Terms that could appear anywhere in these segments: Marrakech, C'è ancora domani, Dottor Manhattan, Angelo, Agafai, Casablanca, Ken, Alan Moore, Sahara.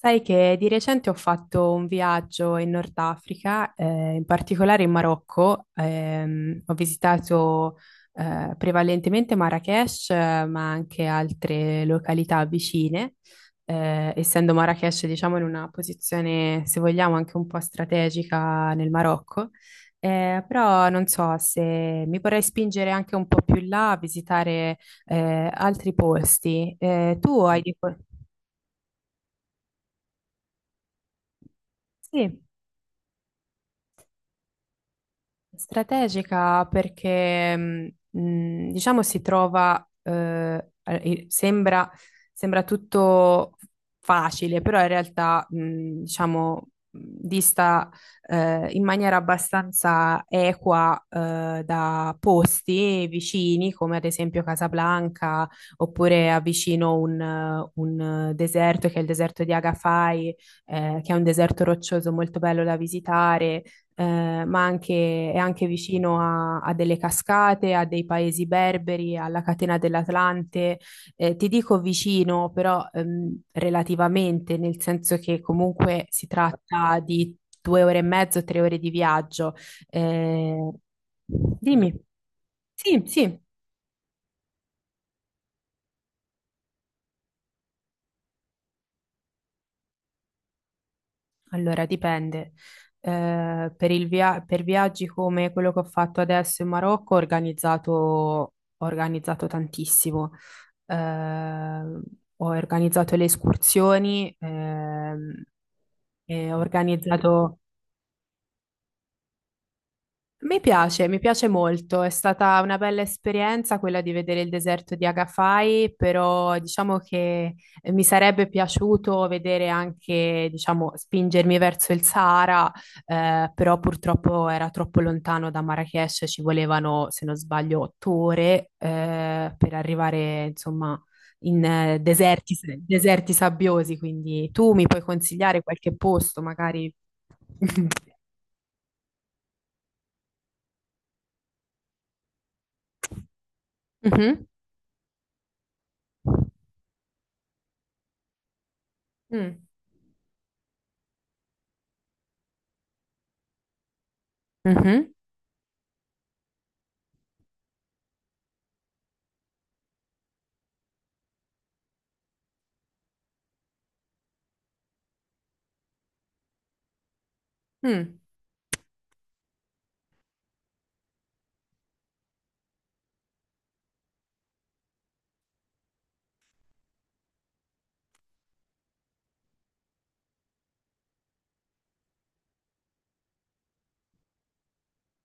Sai che di recente ho fatto un viaggio in Nord Africa, in particolare in Marocco. Ho visitato prevalentemente Marrakech, ma anche altre località vicine. Essendo Marrakech, diciamo, in una posizione, se vogliamo, anche un po' strategica nel Marocco. Però non so se mi vorrei spingere anche un po' più in là a visitare altri posti. Tu hai... dei po- Sì. Strategica perché, diciamo, si trova, sembra, sembra tutto facile, però in realtà, diciamo, dista, in maniera abbastanza equa, da posti vicini, come ad esempio Casablanca, oppure avvicino un deserto, che è il deserto di Agafai, che è un deserto roccioso molto bello da visitare ma anche, è anche vicino a delle cascate, a dei paesi berberi, alla catena dell'Atlante. Ti dico vicino, però relativamente, nel senso che comunque si tratta di 2 ore e mezzo, 3 ore di viaggio. Eh, Dimmi, sì, sì. Allora, dipende. Per il per viaggi come quello che ho fatto adesso in Marocco, ho organizzato tantissimo. Eh, Ho organizzato le escursioni, e ho Bello. Organizzato, mi piace, mi piace molto, è stata una bella esperienza quella di vedere il deserto di Agafai, però diciamo che mi sarebbe piaciuto vedere anche, diciamo, spingermi verso il Sahara, però purtroppo era troppo lontano da Marrakech, ci volevano, se non sbaglio, 8 ore, per arrivare, insomma, in deserti, deserti sabbiosi, quindi tu mi puoi consigliare qualche posto, magari... Mhm. Mm. Mhm. Mm.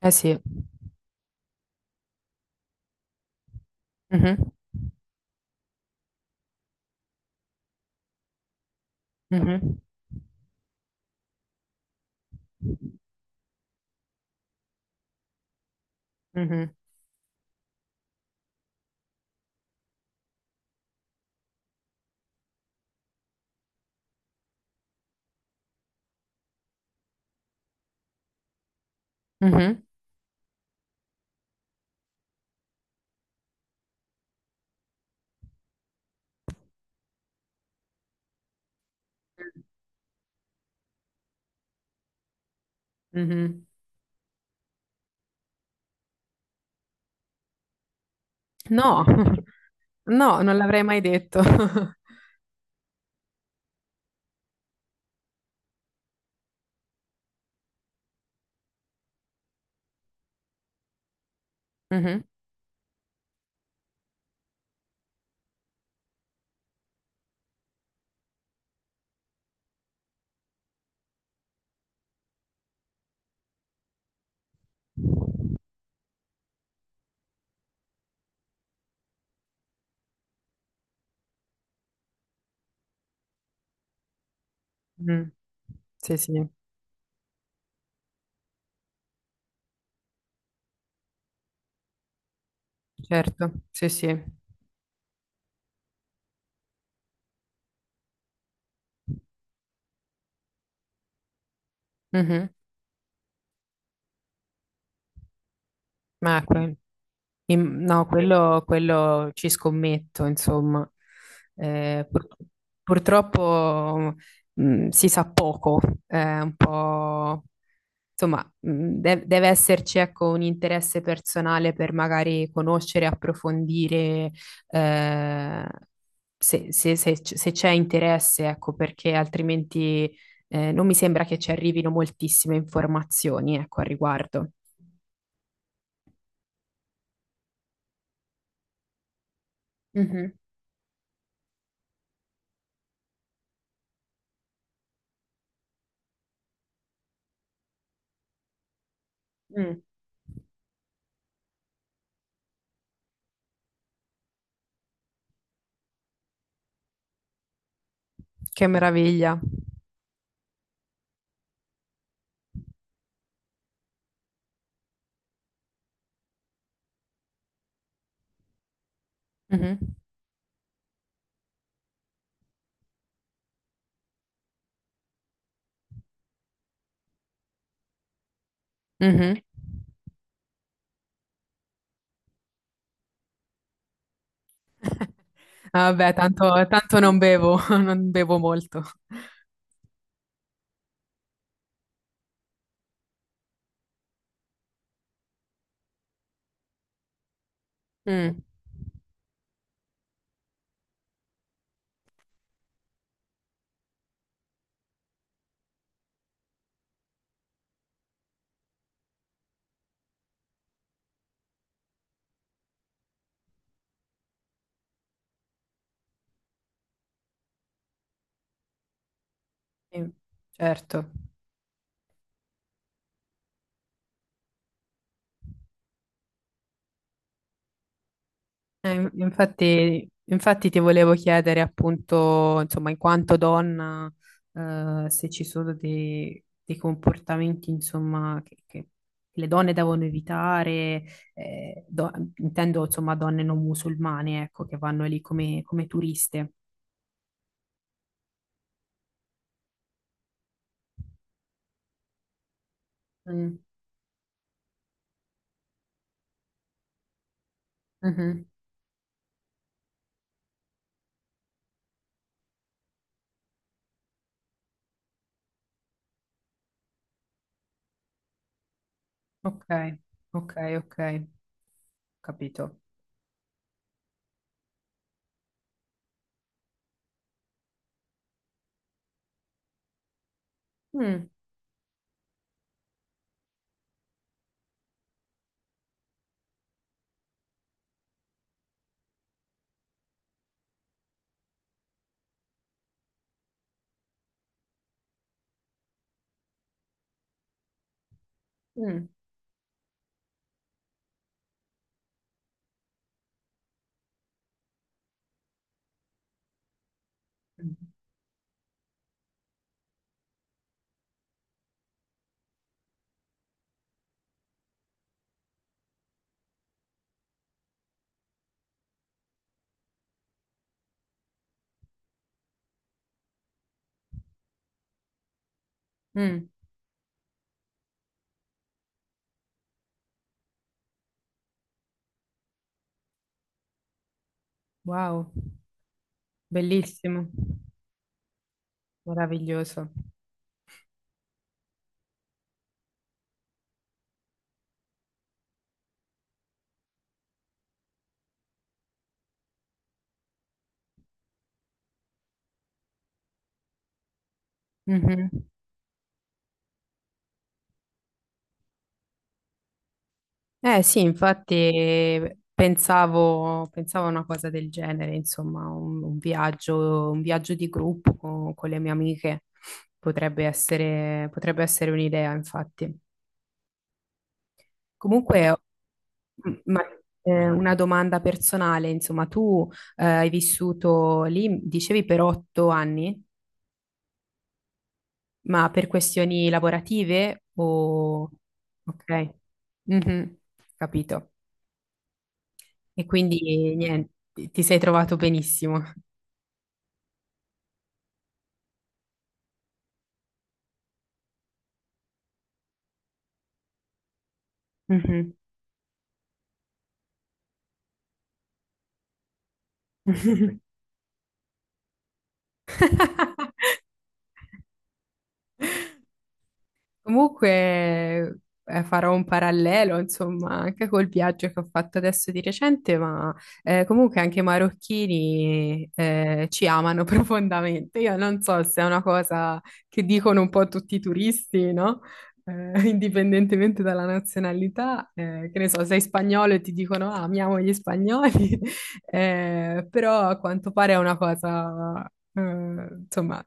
Eh sì. Mhm. Mhm. Mhm. Mhm. Mhm. No, no, non l'avrei mai detto. Mhm. Mhm. Sì, sì, certo, sì, sì. Mhm. Ma ecco. No, quello ci scommetto, insomma. Eh, pur- purtroppo si sa poco, è un po'... Insomma, deve esserci ecco, un interesse personale per magari conoscere, approfondire, eh, se, se se c'è interesse, ecco, perché altrimenti non mi sembra che ci arrivino moltissime informazioni, ecco, al riguardo. Mhm. Mm. Che meraviglia. Mhm, mhm. Vabbè, tanto, tanto non bevo, non bevo molto. Mm, sì, certo. Infatti, infatti ti volevo chiedere appunto, insomma, in quanto donna, se ci sono dei, dei comportamenti, insomma, che le donne devono evitare, intendo, insomma, donne non musulmane, ecco, che vanno lì come, come turiste. Mm, mhm. Ok, ok, ok, capito. Mm, mm, mm, mm. Wow, bellissimo, meraviglioso. Mhm. Eh sì, infatti pensavo, pensavo a una cosa del genere, insomma, un viaggio di gruppo con le mie amiche potrebbe essere un'idea, infatti. Comunque, mm, ma una domanda personale, insomma, tu hai vissuto lì, dicevi, per 8 anni, ma per questioni lavorative o... Ok, mhm, capito. E quindi niente, ti sei trovato benissimo. Mhm. Comunque farò un parallelo, insomma, anche col viaggio che ho fatto adesso di recente, ma comunque anche i marocchini ci amano profondamente. Io non so se è una cosa che dicono un po' tutti i turisti, no? Indipendentemente dalla nazionalità, che ne so, sei spagnolo e ti dicono ah, amiamo gli spagnoli, però a quanto pare è una cosa, insomma,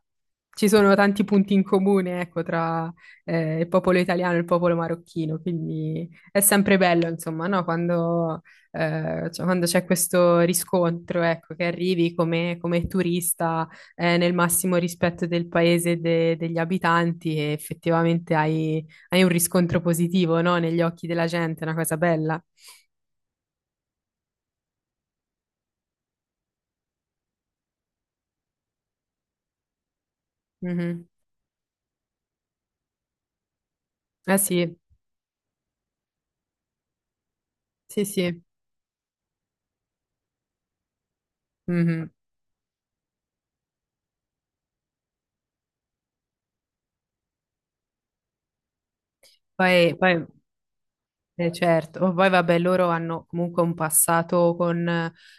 ci sono tanti punti in comune, ecco, tra il popolo italiano e il popolo marocchino, quindi è sempre bello, insomma, no? Quando, cioè, quando c'è questo riscontro, ecco, che arrivi come, come turista, nel massimo rispetto del paese e degli abitanti e effettivamente hai, hai un riscontro positivo, no? Negli occhi della gente, è una cosa bella. Mhm. Ah sì, sì, sì. Mhm. Poi, poi eh, certo, ma poi vabbè, loro hanno comunque un passato con,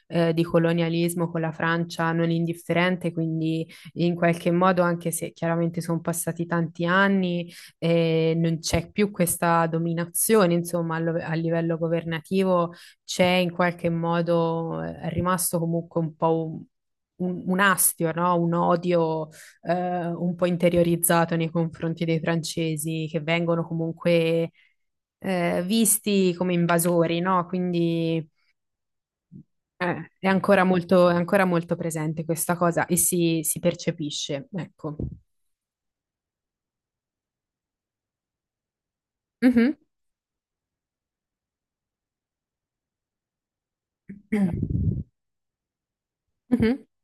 di colonialismo con la Francia non indifferente, quindi in qualche modo, anche se chiaramente sono passati tanti anni, non c'è più questa dominazione, insomma, a livello governativo c'è in qualche modo, è rimasto comunque un po' un, un astio, no? Un odio, un po' interiorizzato nei confronti dei francesi che vengono comunque visti come invasori, no? Quindi è ancora molto presente questa cosa e si percepisce, ecco. Mhm. Mhm.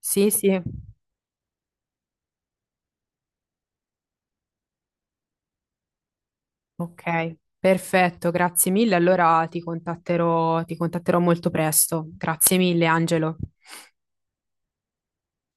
Sì, sì, ok, perfetto, grazie mille. Allora ti contatterò molto presto. Grazie mille, Angelo.